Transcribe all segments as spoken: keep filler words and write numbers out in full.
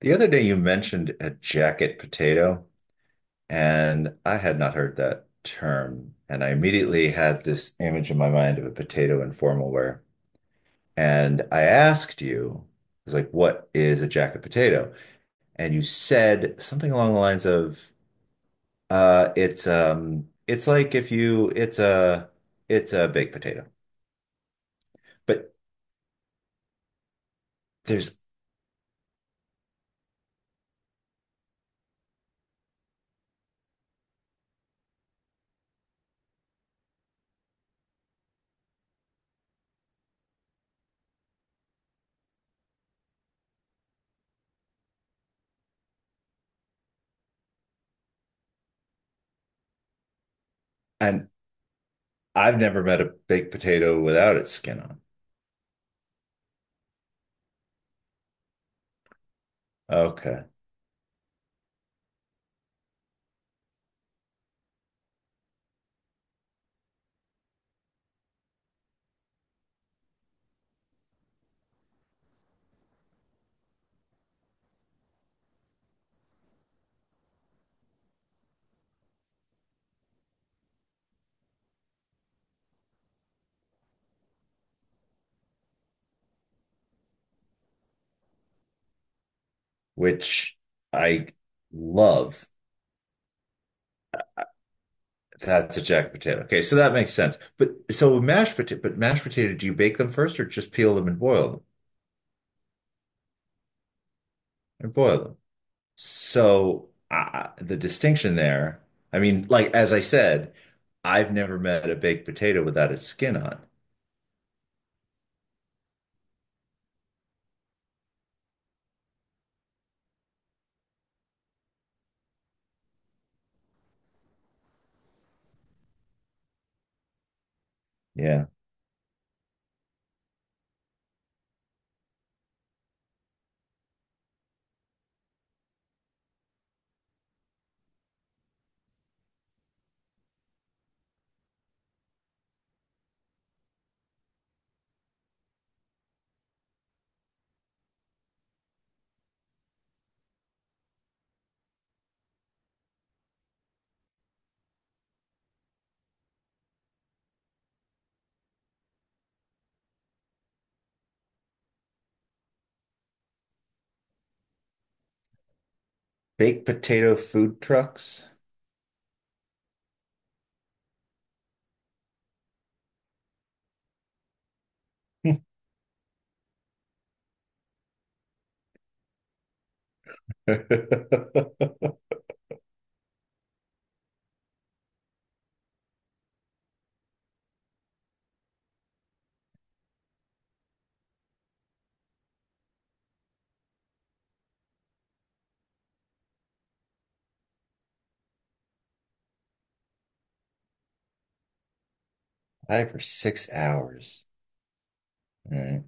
The other day you mentioned a jacket potato, and I had not heard that term. And I immediately had this image in my mind of a potato in formal wear. And I asked you, I was like, what is a jacket potato? And you said something along the lines of, uh, it's um it's like if you it's a it's a baked potato. But there's and I've never met a baked potato without its skin on. Okay. Which I love. That's a jack potato. Okay, so that makes sense. But so mashed potato, but mashed potato, do you bake them first or just peel them and boil them and boil them? So uh, the distinction there, I mean, like as I said, I've never met a baked potato without its skin on. Yeah. Baked potato food trucks. I for six hours. All right.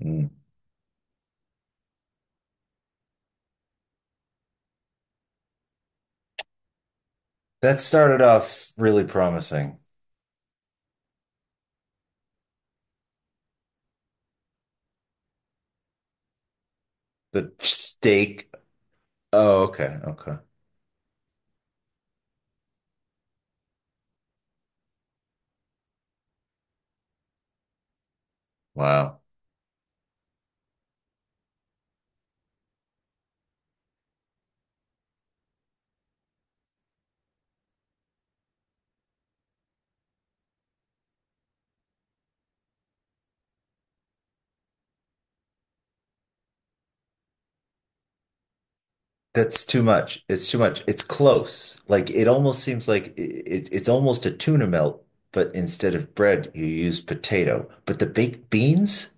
Mm. That started off really promising. The steak. Oh, okay. Okay. Wow. That's too much. It's too much. It's close. Like it almost seems like i- it, it's almost a tuna melt, but instead of bread, you use potato. But the baked beans?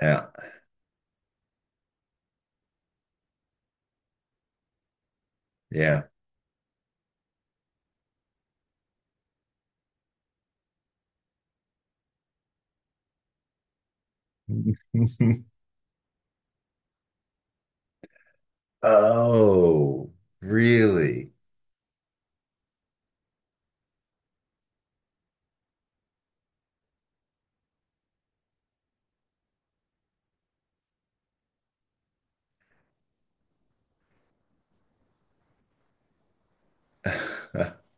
Yeah, yeah. Oh, really?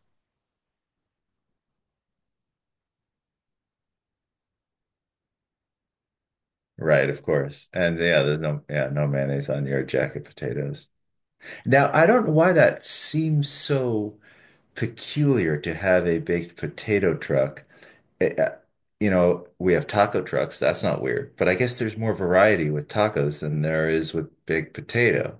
Right, of course. And yeah, there's no yeah, no mayonnaise on your jacket potatoes. Now, I don't know why that seems so peculiar to have a baked potato truck. it, uh, you know, we have taco trucks. That's not weird. But I guess there's more variety with tacos than there is with big potato.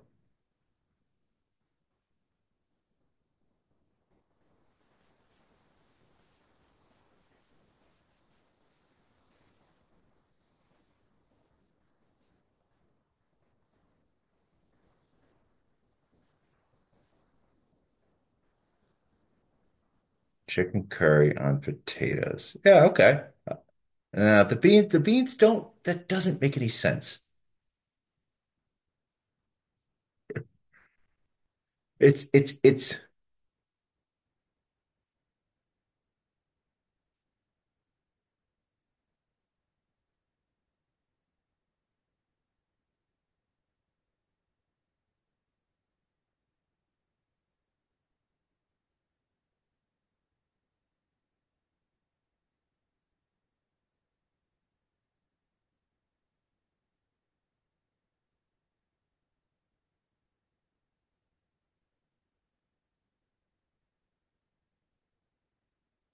Chicken curry on potatoes. Yeah, okay. Uh, the beans, the beans don't, that doesn't make any sense. It's, it's, it's,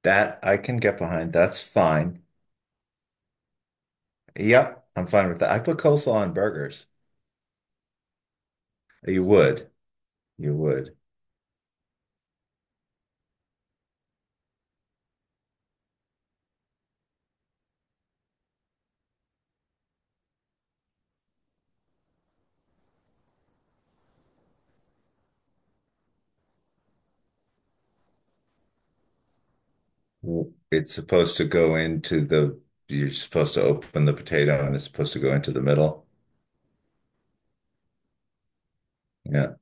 That I can get behind. That's fine. Yep, I'm fine with that. I put coleslaw on burgers. You would. You would. W- It's supposed to go into the, you're supposed to open the potato and it's supposed to go into the middle. Yeah.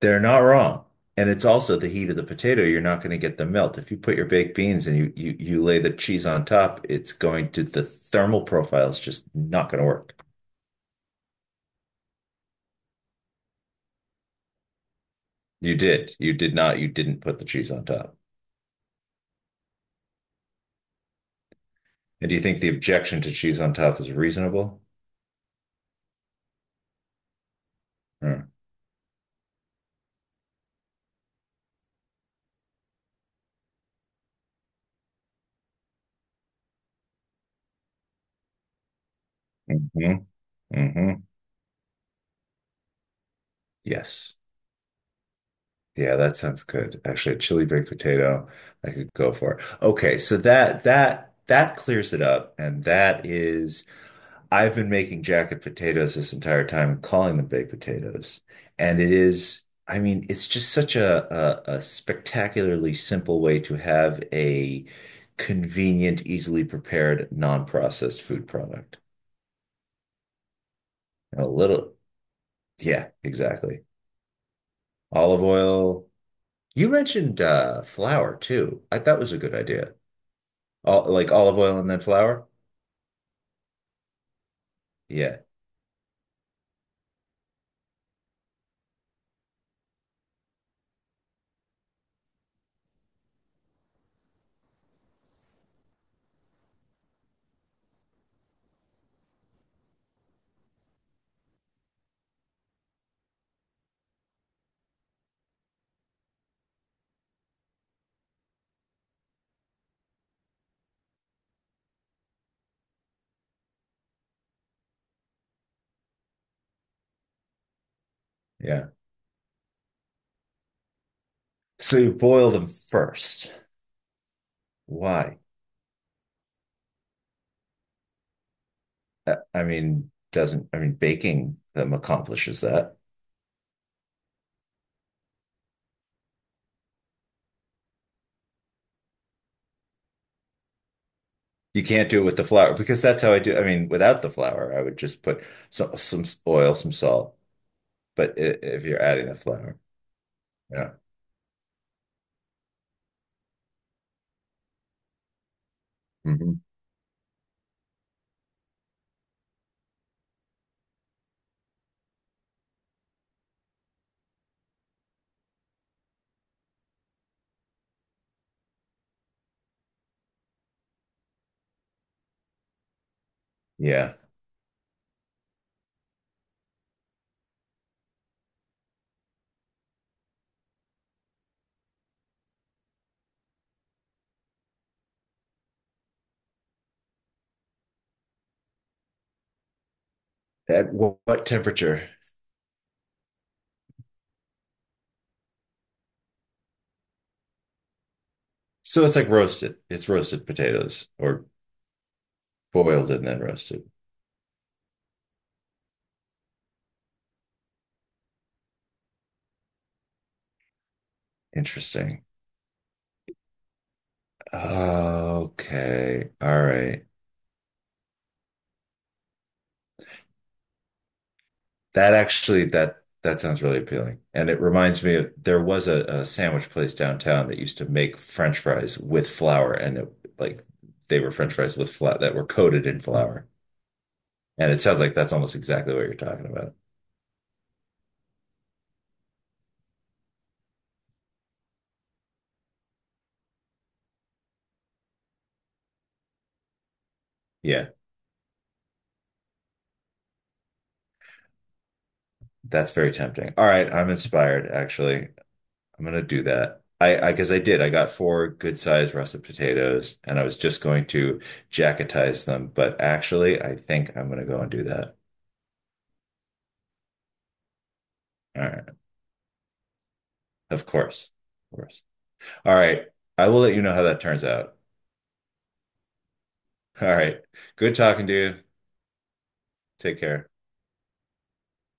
They're not wrong. And it's also the heat of the potato. You're not going to get the melt. If you put your baked beans and you, you, you lay the cheese on top, it's going to, the thermal profile is just not going to work. You did. You did not. You didn't put the cheese on top. And do you think the objection to cheese on top is reasonable? Mm. Hmm. Hmm. Yes. Yeah, that sounds good. Actually, a chili baked potato, I could go for. Okay, so that that that clears it up, and that is I've been making jacket potatoes this entire time and calling them baked potatoes. And it is, I mean, it's just such a, a, a spectacularly simple way to have a convenient, easily prepared, non-processed food product. A little, yeah, exactly. Olive oil. You mentioned uh, flour too. I thought was a good idea. All, like olive oil and then flour? Yeah, yeah. So you boil them first. Why? Uh, I mean, doesn't, I mean, baking them accomplishes that. You can't do it with the flour because that's how I do. I mean, without the flour, I would just put some, some s- oil, some salt. But i- if you're adding the flour, yeah, hmm yeah. At wh- what temperature? So it's like roasted. It's roasted potatoes or boiled and then roasted. Interesting. Okay. All right. That actually that that sounds really appealing. And it reminds me of there was a, a sandwich place downtown that used to make French fries with flour and it, like they were French fries with flour that were coated in flour. And it sounds like that's almost exactly what you're talking about. Yeah, that's very tempting. All right, I'm inspired actually. I'm gonna do that. I, I guess I did. I got four good sized russet potatoes and I was just going to jacketize them, but actually I think I'm gonna go and do that. All right. Of course. Of course. All right. I will let you know how that turns out. All right. Good talking to you. Take care.